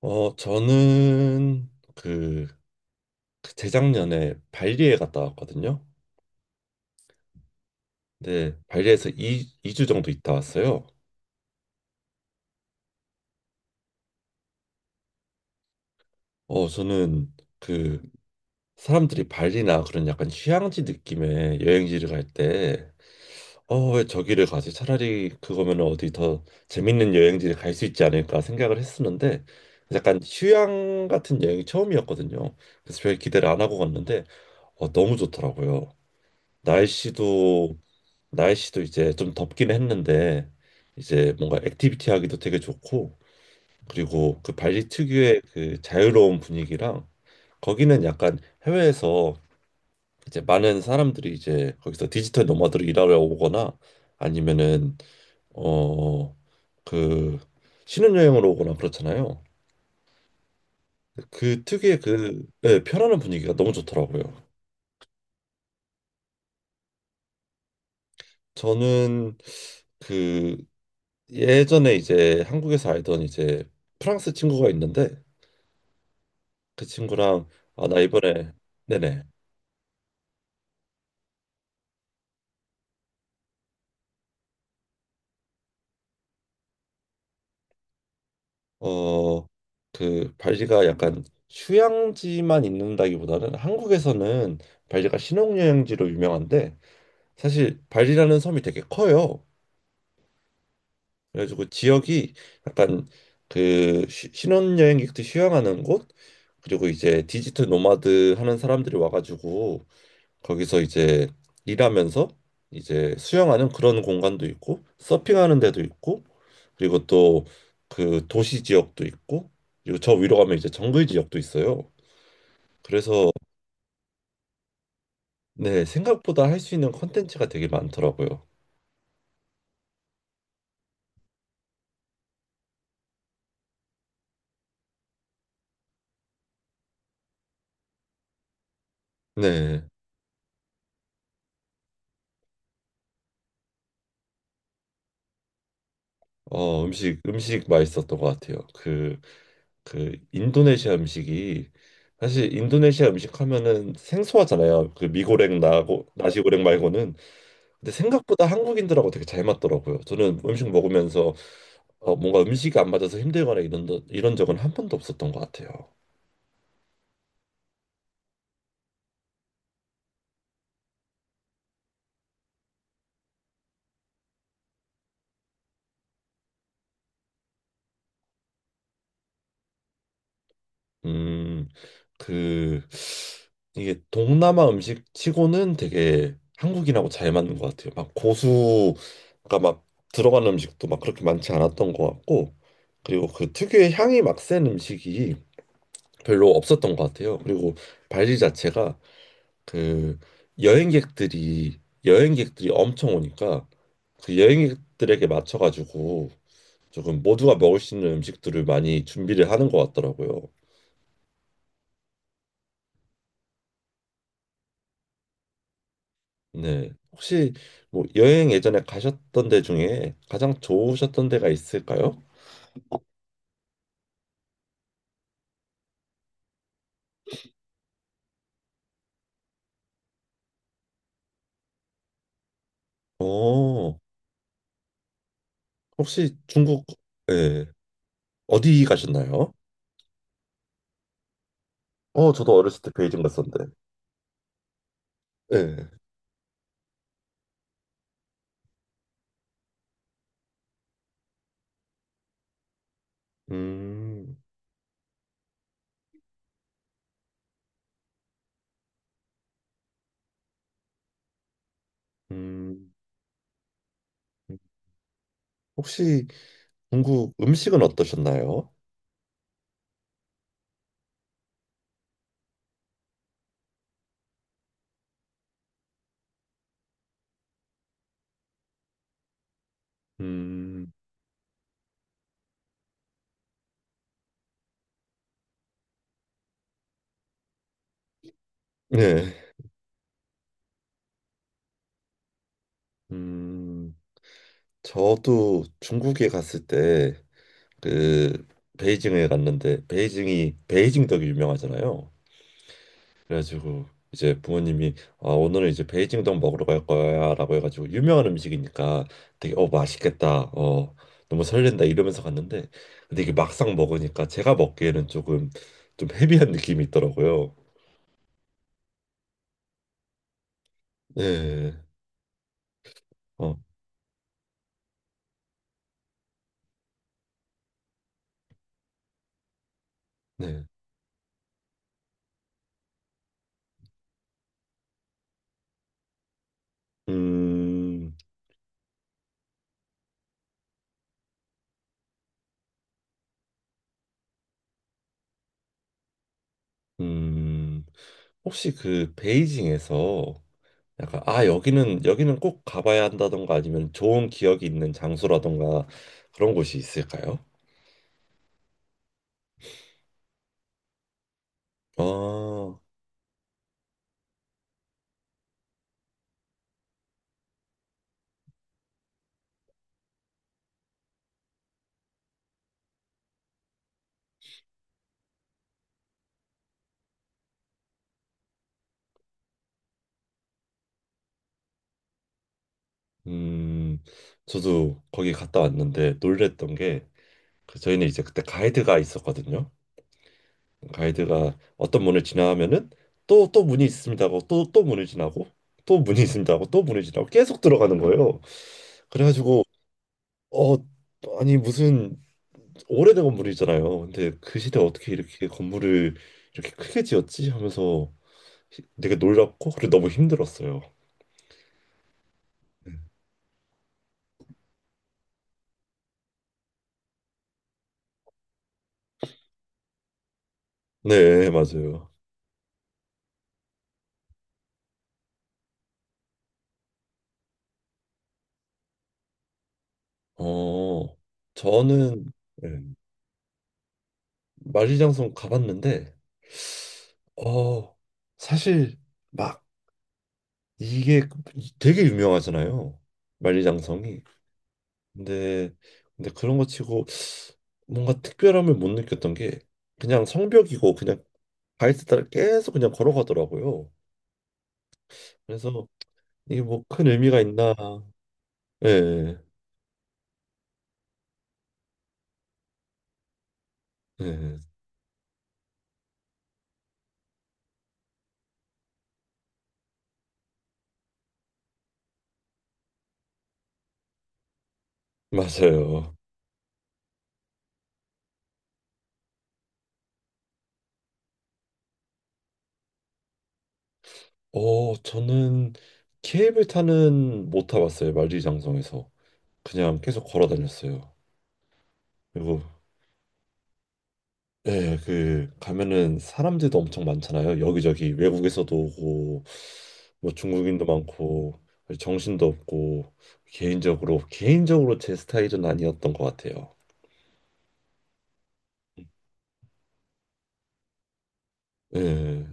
저는 그 재작년에 발리에 갔다 왔거든요. 근데 발리에서 이이주 정도 있다 왔어요. 저는 그 사람들이 발리나 그런 약간 휴양지 느낌의 여행지를 갈 때, 왜 저기를 가지? 차라리 그거면 어디 더 재밌는 여행지를 갈 수 있지 않을까 생각을 했었는데, 약간 휴양 같은 여행이 처음이었거든요. 그래서 별 기대를 안 하고 갔는데, 너무 좋더라고요. 날씨도 날씨도 이제 좀 덥긴 했는데 이제 뭔가 액티비티 하기도 되게 좋고 그리고 그 발리 특유의 그 자유로운 분위기랑 거기는 약간 해외에서 이제 많은 사람들이 이제 거기서 디지털 노마드로 일하러 오거나 아니면은 어 그 신혼여행으로 오거나 그렇잖아요. 그 특유의 그 네, 편안한 분위기가 너무 좋더라고요. 저는 그 예전에 이제 한국에서 알던 이제 프랑스 친구가 있는데 그 친구랑 아 나 이번에 네네 어 그 발리가 약간 휴양지만 있는다기보다는 한국에서는 발리가 신혼여행지로 유명한데 사실 발리라는 섬이 되게 커요. 그래가지고 지역이 약간 그 신혼여행객들 휴양하는 곳 그리고 이제 디지털 노마드 하는 사람들이 와가지고 거기서 이제 일하면서 이제 수영하는 그런 공간도 있고 서핑하는 데도 있고 그리고 또 그 도시 지역도 있고 그리고 저 위로 가면 이제 정글 지역도 있어요. 그래서 네, 생각보다 할 수 있는 컨텐츠가 되게 많더라고요. 네. 음식 맛있었던 것 같아요. 그 인도네시아 음식이 사실 인도네시아 음식 하면은 생소하잖아요. 그 미고랭 나고 나시고랭 말고는 근데 생각보다 한국인들하고 되게 잘 맞더라고요. 저는 음식 먹으면서 뭔가 음식이 안 맞아서 힘들거나 이런 적은 한 번도 없었던 것 같아요. 음, 그 이게 동남아 음식 치고는 되게 한국인하고 잘 맞는 것 같아요. 막 고수가 막 들어가는 음식도 막 그렇게 많지 않았던 것 같고, 그리고 그 특유의 향이 막 센 음식이 별로 없었던 것 같아요. 그리고 발리 자체가 그 여행객들이 여행객들이 엄청 오니까 그 여행객들에게 맞춰가지고 조금 모두가 먹을 수 있는 음식들을 많이 준비를 하는 것 같더라고요. 네. 혹시 뭐 여행 예전에 가셨던 데 중에 가장 좋으셨던 데가 있을까요? 어, 혹시 중국, 예, 어디 가셨나요? 저도 어렸을 때 베이징 갔었는데. 예. 음, 음, 혹시 중국 음식은 어떠셨나요? 음. 네. 음, 저도 중국에 갔을 때 그 베이징에 갔는데 베이징이 베이징 덕이 유명하잖아요. 그래가지고 이제 부모님이 아, 오늘은 이제 베이징 덕 먹으러 갈 거야라고 해가지고 유명한 음식이니까 되게 맛있겠다. 너무 설렌다 이러면서 갔는데 근데 이게 막상 먹으니까 제가 먹기에는 조금 좀 헤비한 느낌이 있더라고요. 네. 어, 네. 음, 음, 혹시 그 베이징에서 약간 아 여기는 꼭 가봐야 한다던가 아니면 좋은 기억이 있는 장소라던가 그런 곳이 있을까요? 아, 음, 저도 거기 갔다 왔는데 놀랬던 게그 저희는 이제 그때 가이드가 있었거든요. 가이드가 어떤 문을 지나면은 또 또 문이 있습니다 하고 또 또 문을 지나고 또 문이 있습니다 하고 또 문을 지나고 계속 들어가는 거예요. 그래가지고 어 아니 무슨 오래된 건물이잖아요. 근데 그 시대 어떻게 이렇게 건물을 이렇게 크게 지었지 하면서 되게 놀랍고 그리고 너무 힘들었어요. 네, 네, 맞아요. 어, 저는 네, 만리장성 가봤는데 어, 사실 막 이게 되게 유명하잖아요. 만리장성이. 근데 근데 그런 거 치고 뭔가 특별함을 못 느꼈던 게 그냥 성벽이고 그냥 바이스 따라 계속 그냥 걸어가더라고요. 그래서 이게 뭐 큰 의미가 있나? 예, 예, 예. 맞아요. 저는 케이블 타는 못 타봤어요. 만리장성에서 그냥 계속 걸어 다녔어요. 그리고 예, 그 가면은 사람들도 엄청 많잖아요. 여기저기 외국에서도 오고 뭐 중국인도 많고 정신도 없고 개인적으로 개인적으로 제 스타일은 아니었던 것 같아요. 예,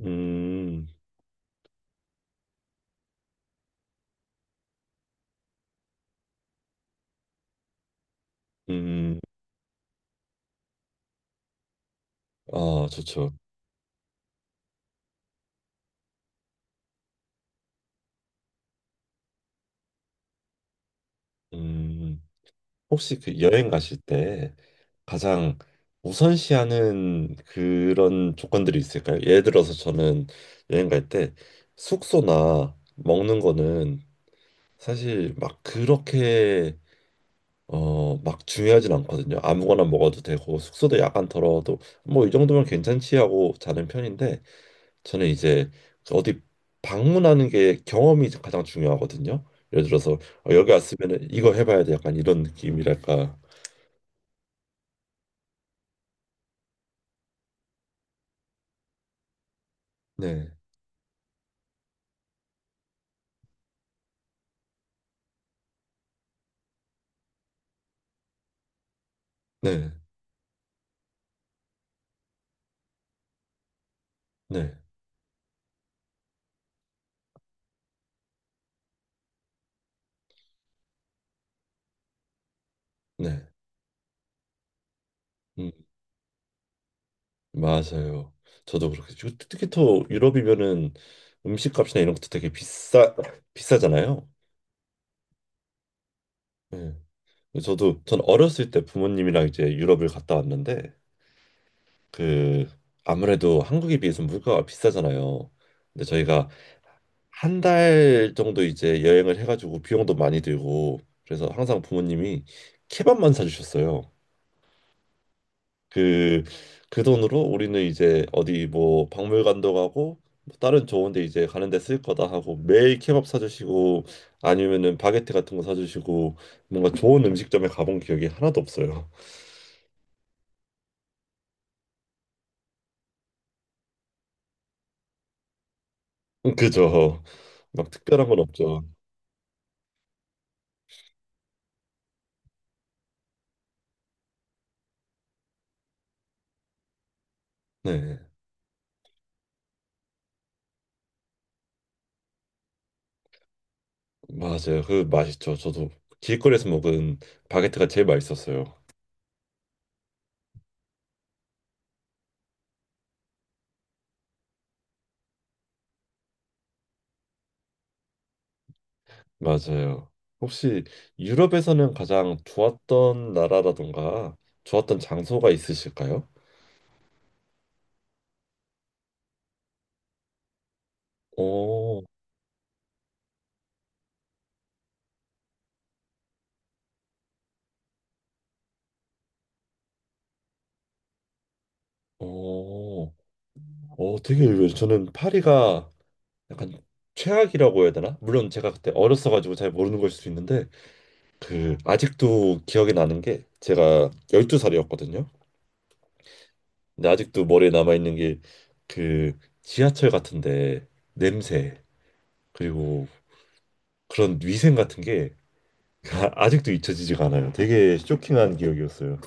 음, 음, 아, 좋죠. 음. 혹시 그 여행 가실 때 가장 우선시하는 그런 조건들이 있을까요? 예를 들어서 저는 여행 갈 때 숙소나 먹는 거는 사실 막 그렇게 막 중요하진 않거든요. 아무거나 먹어도 되고 숙소도 약간 더러워도 뭐 이 정도면 괜찮지 하고 자는 편인데 저는 이제 어디 방문하는 게 경험이 가장 중요하거든요. 예를 들어서 여기 왔으면은 이거 해봐야 돼 약간 이런 느낌이랄까. 네. 네, 네, 네. 음, 맞아요. 저도 그렇게 특히 또 유럽이면은 음식값이나 이런 것도 되게 비싸잖아요. 네. 저도 전 어렸을 때 부모님이랑 이제 유럽을 갔다 왔는데 그 아무래도 한국에 비해서 물가가 비싸잖아요. 근데 저희가 한 달 정도 이제 여행을 해가지고 비용도 많이 들고 그래서 항상 부모님이 케밥만 사주셨어요. 그 그 돈으로 우리는 이제 어디 뭐 박물관도 가고 뭐 다른 좋은 데 이제 가는 데 쓸 거다 하고 매일 케밥 사주시고 아니면은 바게트 같은 거 사주시고 뭔가 좋은 음식점에 가본 기억이 하나도 없어요. 그죠. 막 특별한 건 없죠. 네. 맞아요. 그 맛있죠. 저도 길거리에서 먹은 바게트가 제일 맛있었어요. 맞아요. 혹시 유럽에서는 가장 좋았던 나라라던가 좋았던 장소가 있으실까요? 오, 어, 되게 의외예요. 저는 파리가 약간 최악이라고 해야 되나? 물론 제가 그때 어렸어가지고 잘 모르는 걸 수도 있는데 그 아직도 기억이 나는 게 제가 12살이었거든요. 근데 아직도 머리에 남아있는 게 그 지하철 같은데 냄새 그리고 그런 위생 같은 게 아직도 잊혀지지가 않아요. 되게 쇼킹한 기억이었어요.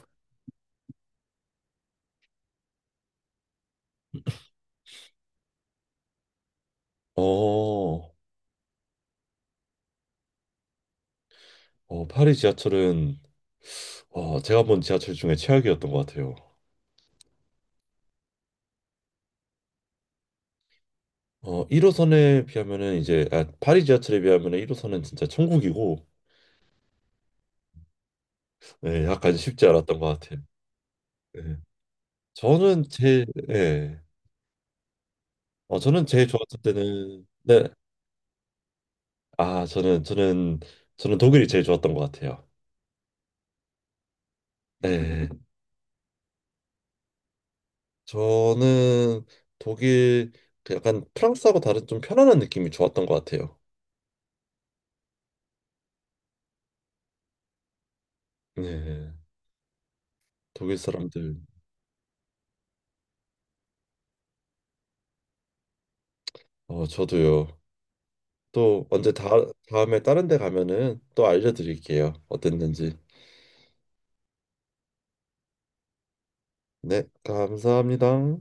어, 파리 지하철은 제가 본 지하철 중에 최악이었던 것 같아요. 1호선에 비하면은 이제 아, 파리 지하철에 비하면은 1호선은 진짜 천국이고 예, 약간 쉽지 않았던 것 같아요. 예. 저는 제 예. 저는 제일 좋았을 때는 네. 아, 저는 독일이 제일 좋았던 것 같아요. 네. 저는 독일 그 약간 프랑스하고 다른 좀 편안한 느낌이 좋았던 것 같아요. 네. 독일 사람들 저도요. 또 언제 다 다음에 다른 데 가면은 또 알려드릴게요. 어땠는지. 네, 감사합니다.